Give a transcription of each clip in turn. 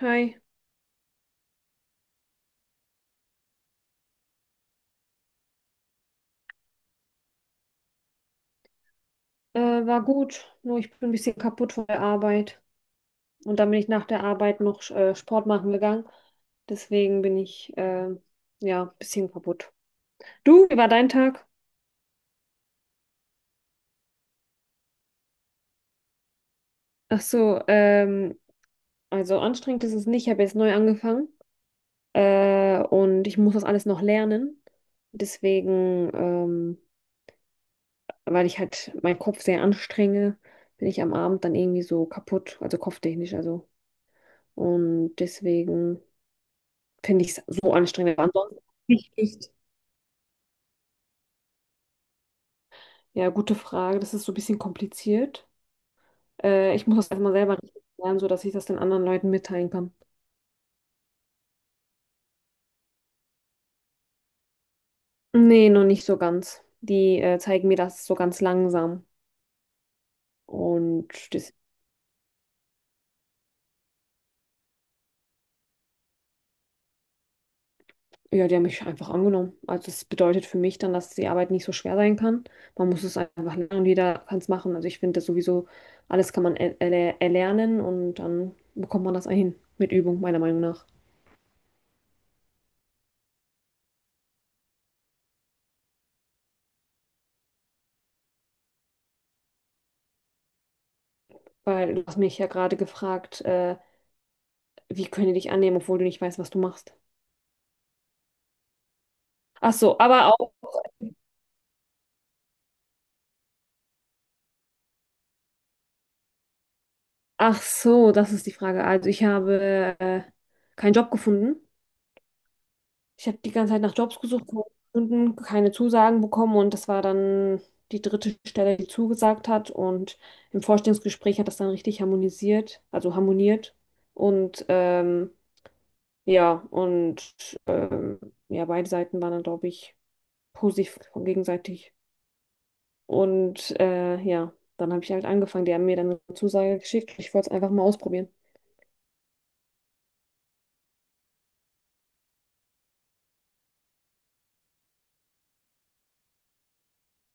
Hi, war gut, nur ich bin ein bisschen kaputt von der Arbeit. Und dann bin ich nach der Arbeit noch Sport machen gegangen. Deswegen bin ich ja ein bisschen kaputt. Du, wie war dein Tag? Ach so, also anstrengend ist es nicht. Ich habe jetzt neu angefangen und ich muss das alles noch lernen. Deswegen, weil ich halt meinen Kopf sehr anstrenge, bin ich am Abend dann irgendwie so kaputt, also kopftechnisch, also. Und deswegen. Finde ich so anstrengend. Aber ansonsten, nicht, nicht. Ja, gute Frage. Das ist so ein bisschen kompliziert. Ich muss das erstmal selber richtig lernen, sodass ich das den anderen Leuten mitteilen kann. Nee, noch nicht so ganz. Die zeigen mir das so ganz langsam. Und das, ja, die haben mich einfach angenommen. Also das bedeutet für mich dann, dass die Arbeit nicht so schwer sein kann. Man muss es einfach lernen, und jeder kann es machen. Also ich finde das sowieso, alles kann man erlernen und dann bekommt man das ein mit Übung, meiner Meinung nach. Weil du hast mich ja gerade gefragt, wie können die dich annehmen, obwohl du nicht weißt, was du machst? Ach so, aber auch. Ach so, das ist die Frage. Also ich habe keinen Job gefunden. Ich habe die ganze Zeit nach Jobs gesucht, keine gefunden, keine Zusagen bekommen und das war dann die dritte Stelle, die zugesagt hat. Und im Vorstellungsgespräch hat das dann richtig harmonisiert, also harmoniert. Und ja, und ja, beide Seiten waren dann, glaube ich, positiv gegenseitig. Und ja, dann habe ich halt angefangen. Die haben mir dann eine Zusage geschickt. Ich wollte es einfach mal ausprobieren.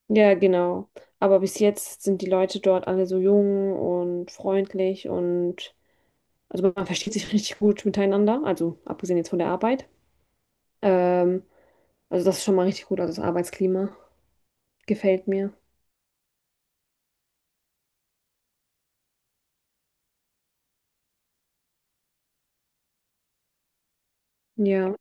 Ja, genau. Aber bis jetzt sind die Leute dort alle so jung und freundlich und also man versteht sich richtig gut miteinander. Also abgesehen jetzt von der Arbeit. Ähm, also das ist schon mal richtig gut. Also das Arbeitsklima gefällt mir. Ja,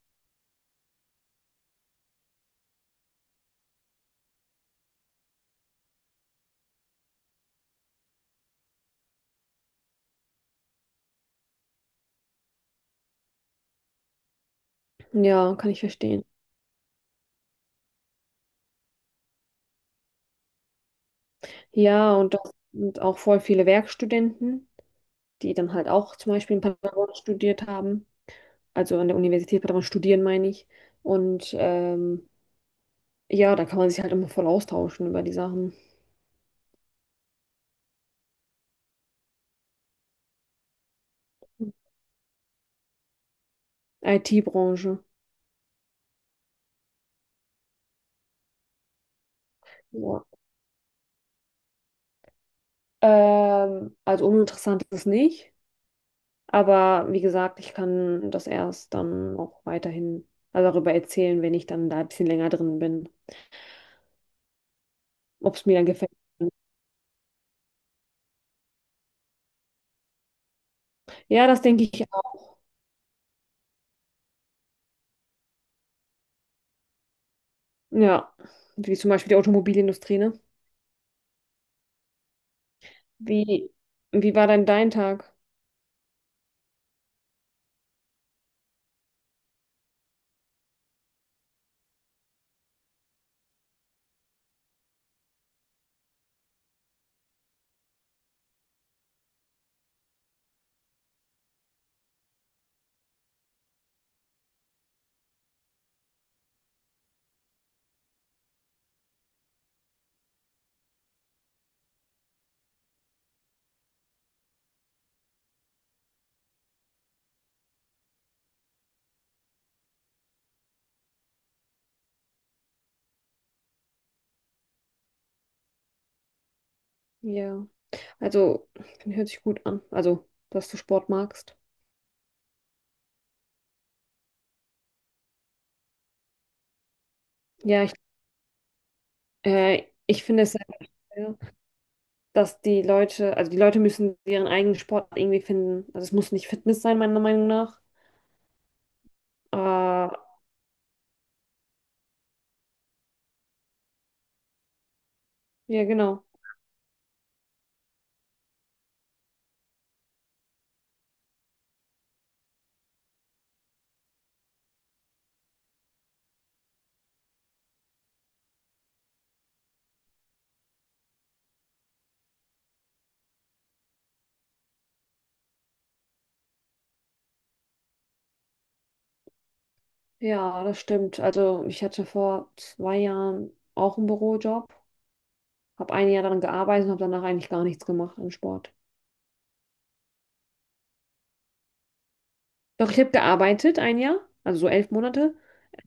ja, kann ich verstehen. Ja, und das sind auch voll viele Werkstudenten, die dann halt auch zum Beispiel in Paderborn studiert haben. Also an der Universität Paderborn studieren, meine ich. Und ja, da kann man sich halt immer voll austauschen über die Sachen. IT-Branche. Ja. Also uninteressant ist es nicht, aber wie gesagt, ich kann das erst dann auch weiterhin also darüber erzählen, wenn ich dann da ein bisschen länger drin bin, ob es mir dann gefällt. Ja, das denke ich auch. Ja, wie zum Beispiel die Automobilindustrie, ne? Wie, wie war denn dein Tag? Ja, also hört sich gut an. Also, dass du Sport magst. Ja, ich finde es sehr schwer, dass die Leute, also die Leute müssen ihren eigenen Sport irgendwie finden. Also es muss nicht Fitness sein, meiner Meinung nach. Ja, genau. Ja, das stimmt. Also ich hatte vor zwei Jahren auch einen Bürojob, habe ein Jahr daran gearbeitet und habe danach eigentlich gar nichts gemacht an Sport. Doch ich habe gearbeitet ein Jahr, also so elf Monate,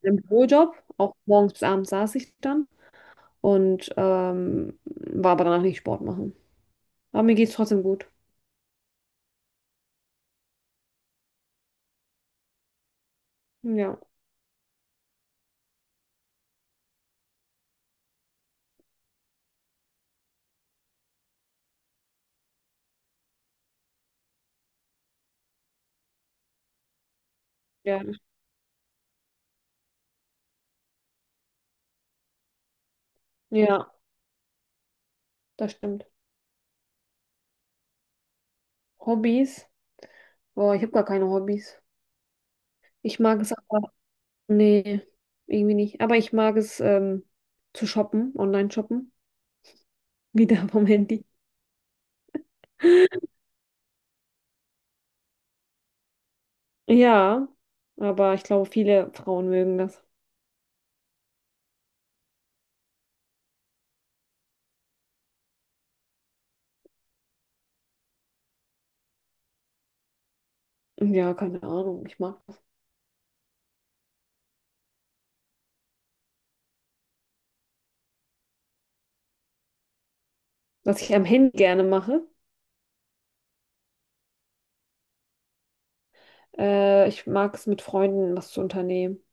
im Bürojob. Auch morgens bis abends saß ich dann und war aber danach nicht Sport machen. Aber mir geht es trotzdem gut. Ja, ja, ja. Das stimmt. Hobbys? Boah, ich habe gar keine Hobbys. Ich mag es aber, nee, irgendwie nicht. Aber ich mag es zu shoppen, online shoppen. Wieder vom Handy. Ja, aber ich glaube, viele Frauen mögen das. Ja, keine Ahnung, ich mag das. Was ich am Handy gerne mache, ich mag es mit Freunden was zu unternehmen.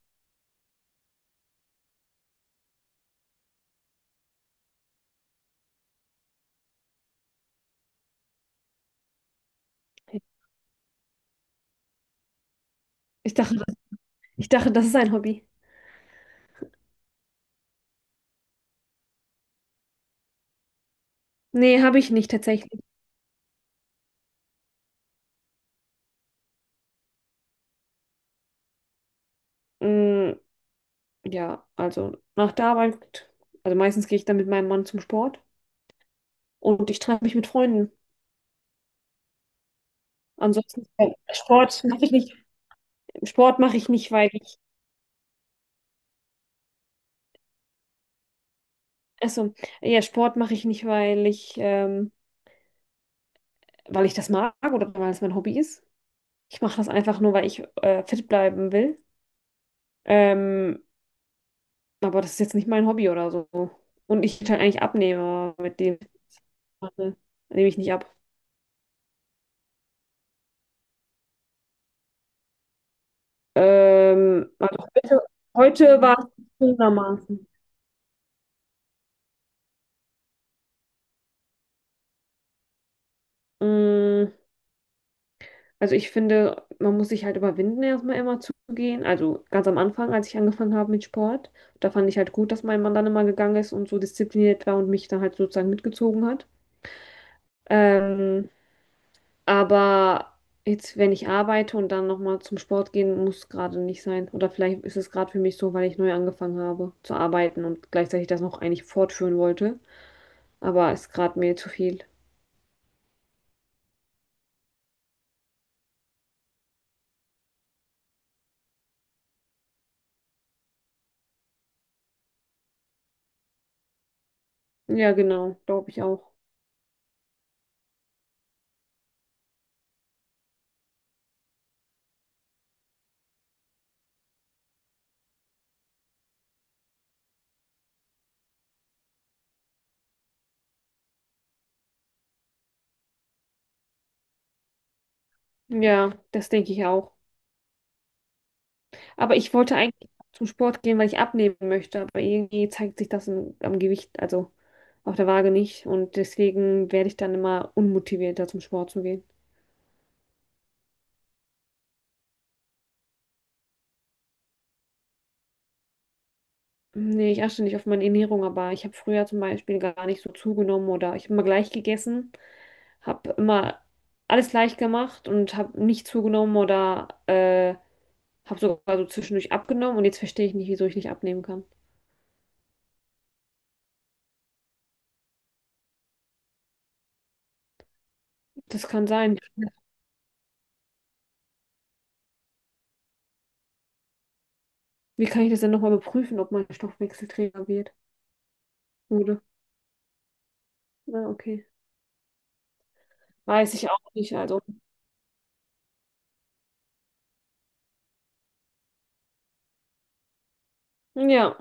Ich dachte, ich dachte, das ist ein Hobby. Nee, habe ich nicht tatsächlich. Mm, ja, also nach der Arbeit, also meistens gehe ich dann mit meinem Mann zum Sport und ich treffe mich mit Freunden. Ansonsten Sport mache ich nicht. Sport mache ich nicht, weil ich, also ja, Sport mache ich nicht, weil ich das mag oder weil es mein Hobby ist. Ich mache das einfach nur, weil ich fit bleiben will. Ähm, aber das ist jetzt nicht mein Hobby oder so. Und ich halt eigentlich abnehme, aber mit dem mache, nehme ich nicht ab. Also heute, heute war es zugegebenermaßen. Mm, also ich finde, man muss sich halt überwinden, erstmal immer zu gehen. Also ganz am Anfang, als ich angefangen habe mit Sport, da fand ich halt gut, dass mein Mann dann immer gegangen ist und so diszipliniert war und mich dann halt sozusagen mitgezogen hat. Ähm, aber jetzt, wenn ich arbeite und dann nochmal zum Sport gehen, muss gerade nicht sein. Oder vielleicht ist es gerade für mich so, weil ich neu angefangen habe zu arbeiten und gleichzeitig das noch eigentlich fortführen wollte. Aber ist gerade mir zu viel. Ja, genau, glaube ich auch. Ja, das denke ich auch. Aber ich wollte eigentlich zum Sport gehen, weil ich abnehmen möchte, aber irgendwie zeigt sich das im, am Gewicht, also auf der Waage nicht. Und deswegen werde ich dann immer unmotivierter, zum Sport zu gehen. Nee, ich achte nicht auf meine Ernährung, aber ich habe früher zum Beispiel gar nicht so zugenommen oder ich habe immer gleich gegessen, habe immer alles gleich gemacht und habe nicht zugenommen oder habe sogar so zwischendurch abgenommen und jetzt verstehe ich nicht, wieso ich nicht abnehmen kann. Das kann sein. Wie kann ich das denn nochmal überprüfen, ob mein Stoffwechselträger wird? Wurde. Ja, okay. Weiß ich auch nicht. Also, ja.